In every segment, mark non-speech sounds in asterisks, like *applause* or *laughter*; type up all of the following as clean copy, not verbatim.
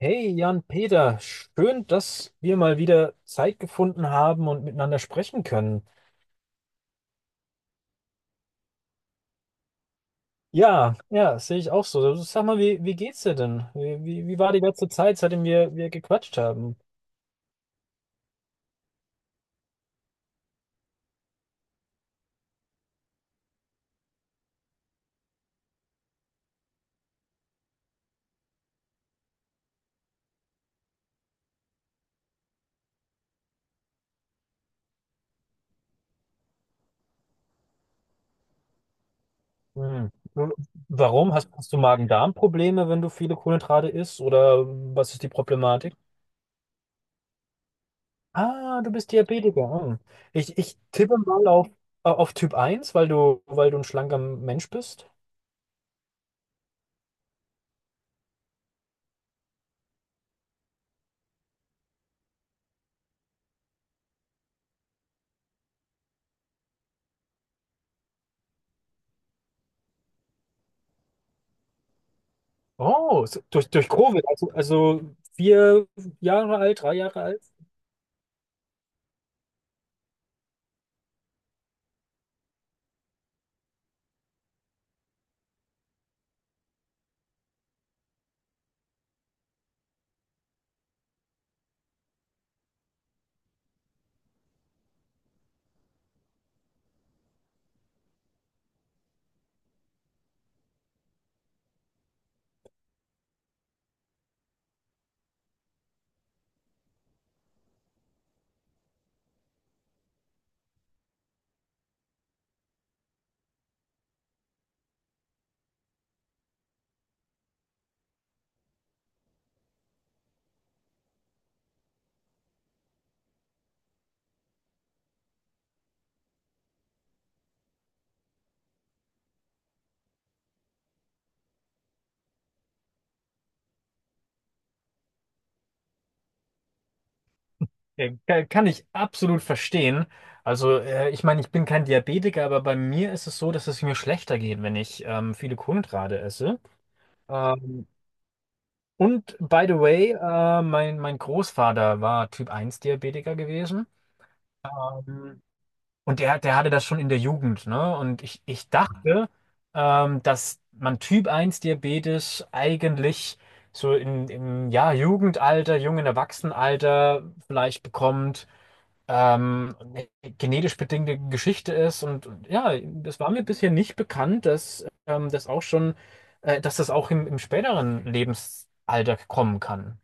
Hey Jan-Peter, schön, dass wir mal wieder Zeit gefunden haben und miteinander sprechen können. Ja, ja, das sehe ich auch so. Also, sag mal, wie geht's dir denn? Wie war die letzte Zeit, seitdem wir gequatscht haben? Hm. Warum? Hast du Magen-Darm-Probleme, wenn du viele Kohlenhydrate isst? Oder was ist die Problematik? Ah, du bist Diabetiker. Hm. Ich tippe mal auf Typ eins, weil du ein schlanker Mensch bist. Oh, durch, durch Covid, also vier Jahre alt, drei Jahre alt. Ja, kann ich absolut verstehen. Also, ich meine, ich bin kein Diabetiker, aber bei mir ist es so, dass es mir schlechter geht, wenn ich viele Kohlenhydrate esse. Ähm, und by the way, mein Großvater war Typ 1 Diabetiker gewesen. Ähm, Und der hatte das schon in der Jugend, ne? Und ich dachte, dass man Typ 1 Diabetes eigentlich so in, im ja, Jugendalter, jungen Erwachsenenalter vielleicht bekommt, eine genetisch bedingte Geschichte ist. Und ja, das war mir bisher nicht bekannt, dass das auch schon, dass das auch im, im späteren Lebensalter kommen kann.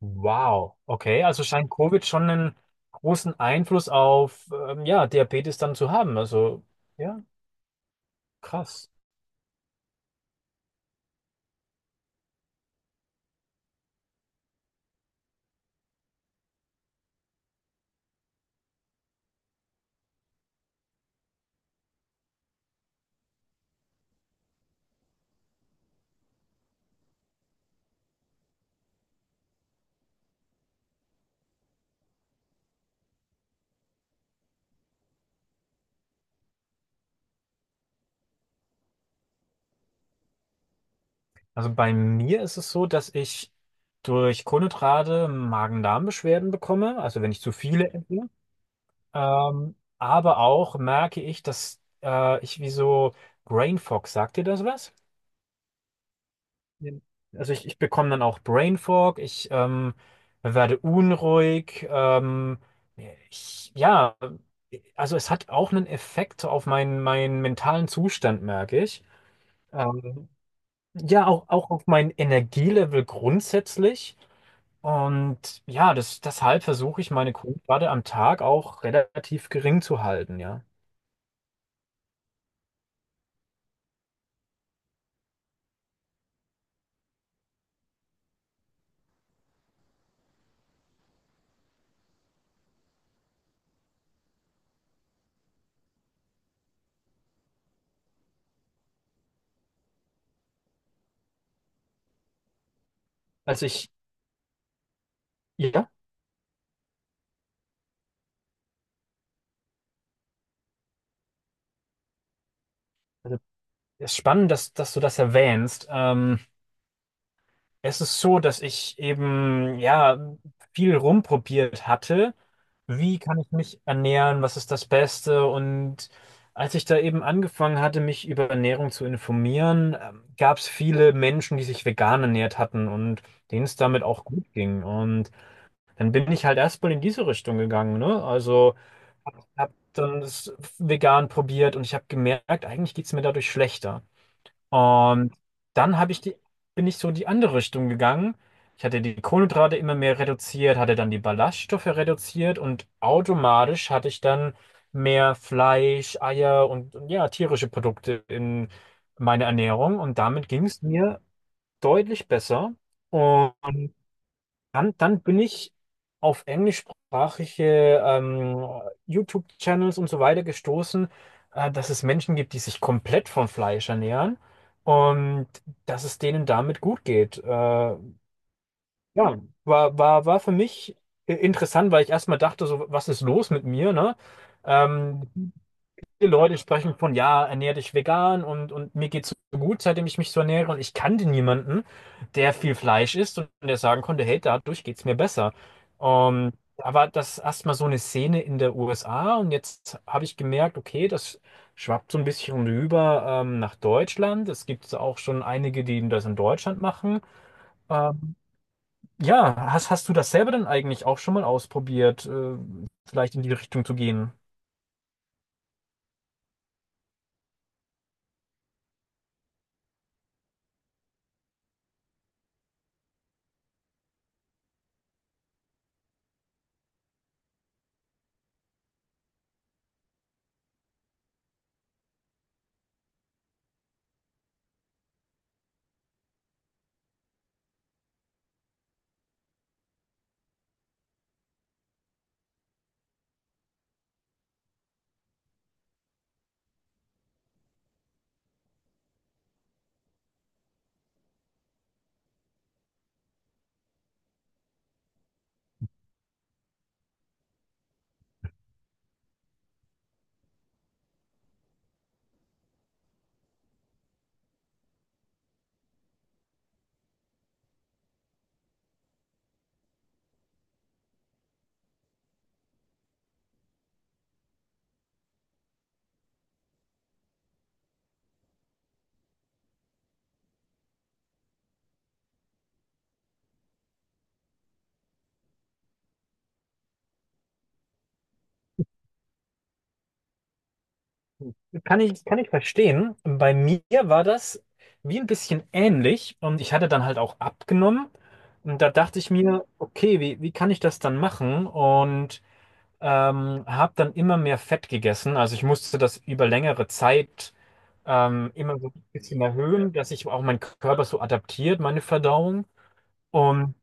Wow, okay, also scheint Covid schon einen großen Einfluss auf ja, Diabetes dann zu haben. Also ja, krass. Also bei mir ist es so, dass ich durch Kohlenhydrate Magen-Darm-Beschwerden bekomme, also wenn ich zu viele esse. Aber auch merke ich, dass ich wie so Brain Fog, sagt dir das was? Also ich bekomme dann auch Brain Fog, ich werde unruhig, ich, ja, also es hat auch einen Effekt auf meinen, meinen mentalen Zustand, merke ich. Ähm, ja, auch, auch auf mein Energielevel grundsätzlich. Und ja, das, deshalb versuche ich meine Kohlenhydrate am Tag auch relativ gering zu halten, ja. Also ich, ja, also es ist spannend, dass, dass du das erwähnst. Es ist so, dass ich eben ja viel rumprobiert hatte. Wie kann ich mich ernähren? Was ist das Beste? Und als ich da eben angefangen hatte, mich über Ernährung zu informieren, gab es viele Menschen, die sich vegan ernährt hatten und denen es damit auch gut ging. Und dann bin ich halt erstmal in diese Richtung gegangen, ne? Also habe hab hab dann das vegan probiert und ich habe gemerkt, eigentlich geht's mir dadurch schlechter. Und dann habe ich die, bin ich so die andere Richtung gegangen. Ich hatte die Kohlenhydrate immer mehr reduziert, hatte dann die Ballaststoffe reduziert und automatisch hatte ich dann mehr Fleisch, Eier und ja, tierische Produkte in meine Ernährung. Und damit ging es mir deutlich besser. Und dann bin ich auf englischsprachige YouTube-Channels und so weiter gestoßen, dass es Menschen gibt, die sich komplett von Fleisch ernähren und dass es denen damit gut geht. Ja, war für mich interessant, weil ich erstmal dachte, so, was ist los mit mir, ne? Ähm, viele Leute sprechen von, ja, ernähr dich vegan und mir geht's so gut, seitdem ich mich so ernähre. Und ich kannte niemanden, der viel Fleisch isst und der sagen konnte, hey, dadurch geht's mir besser. Da war das erstmal so eine Szene in der USA und jetzt habe ich gemerkt, okay, das schwappt so ein bisschen rüber nach Deutschland. Es gibt auch schon einige, die das in Deutschland machen. Ähm, ja, hast du das selber denn eigentlich auch schon mal ausprobiert, vielleicht in die Richtung zu gehen? Kann ich verstehen. Bei mir war das wie ein bisschen ähnlich und ich hatte dann halt auch abgenommen. Und da dachte ich mir, okay, wie kann ich das dann machen? Und habe dann immer mehr Fett gegessen. Also ich musste das über längere Zeit immer so ein bisschen erhöhen, dass sich auch mein Körper so adaptiert, meine Verdauung. Und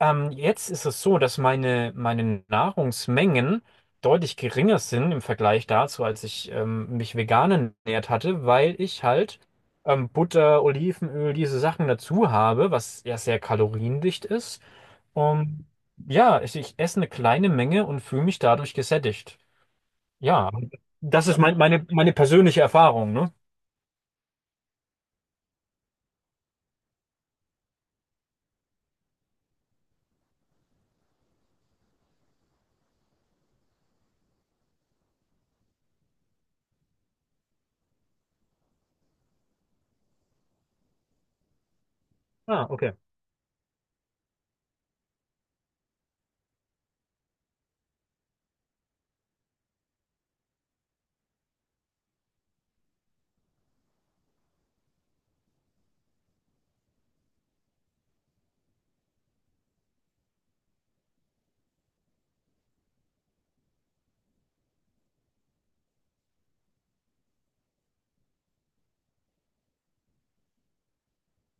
jetzt ist es so, dass meine Nahrungsmengen deutlich geringer sind im Vergleich dazu, als ich mich vegan ernährt hatte, weil ich halt Butter, Olivenöl, diese Sachen dazu habe, was ja sehr kaloriendicht ist. Und ja, ich esse eine kleine Menge und fühle mich dadurch gesättigt. Ja, das ist mein, meine, meine persönliche Erfahrung, ne? Ah, okay.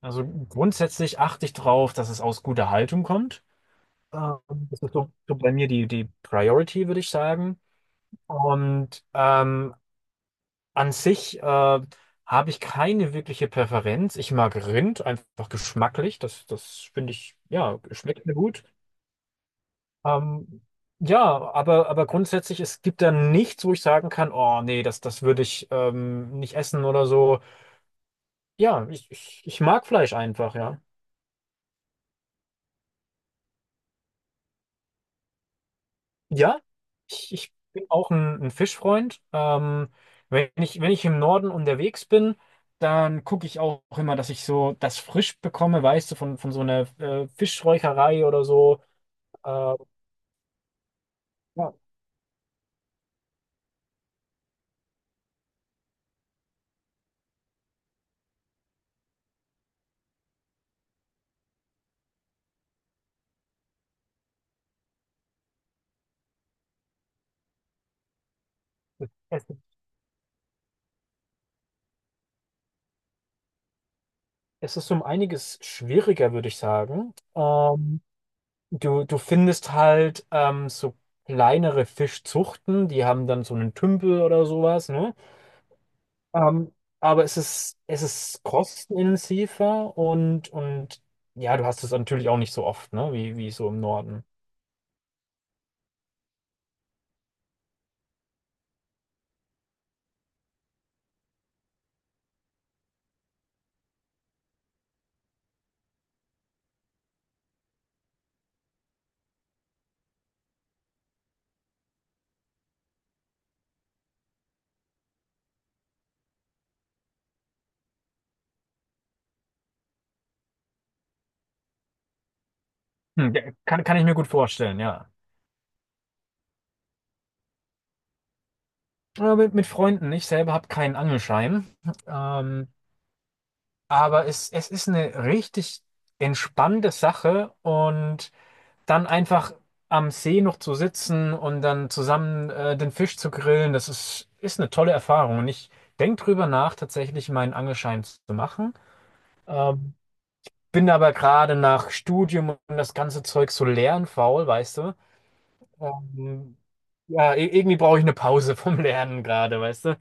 Also grundsätzlich achte ich drauf, dass es aus guter Haltung kommt. Ähm, das ist so, so bei mir die Priority, würde ich sagen. Und an sich habe ich keine wirkliche Präferenz. Ich mag Rind einfach geschmacklich. Das finde ich, ja, schmeckt mir gut. Ähm, ja, aber grundsätzlich, es gibt da nichts, wo ich sagen kann, oh nee, das würde ich nicht essen oder so. Ja, ich mag Fleisch einfach, ja. Ja, ich bin auch ein Fischfreund. Wenn ich im Norden unterwegs bin, dann gucke ich auch immer, dass ich so das frisch bekomme, weißt du, von so einer Fischräucherei oder so. Äh, ja, es, es ist um einiges schwieriger, würde ich sagen. Du findest halt so kleinere Fischzuchten, die haben dann so einen Tümpel oder sowas, ne? Ähm, aber es ist kostenintensiver und ja, du hast es natürlich auch nicht so oft, ne, wie so im Norden. Hm, ja, kann ich mir gut vorstellen, ja. Aber mit Freunden, ich selber habe keinen Angelschein. Ähm, aber es ist eine richtig entspannte Sache und dann einfach am See noch zu sitzen und dann zusammen den Fisch zu grillen, ist eine tolle Erfahrung. Und ich denke drüber nach, tatsächlich meinen Angelschein zu machen. Ähm, bin aber gerade nach Studium und das ganze Zeug so lernfaul, weißt du? Ähm, ja, irgendwie brauche ich eine Pause vom *laughs* Lernen gerade, weißt du?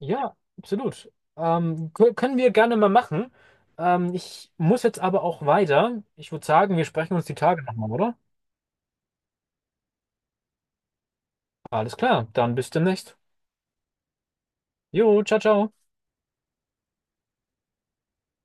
Ja, absolut. Können wir gerne mal machen. Ich muss jetzt aber auch weiter. Ich würde sagen, wir sprechen uns die Tage nochmal, oder? Alles klar, dann bis demnächst. Jo, ciao, ciao.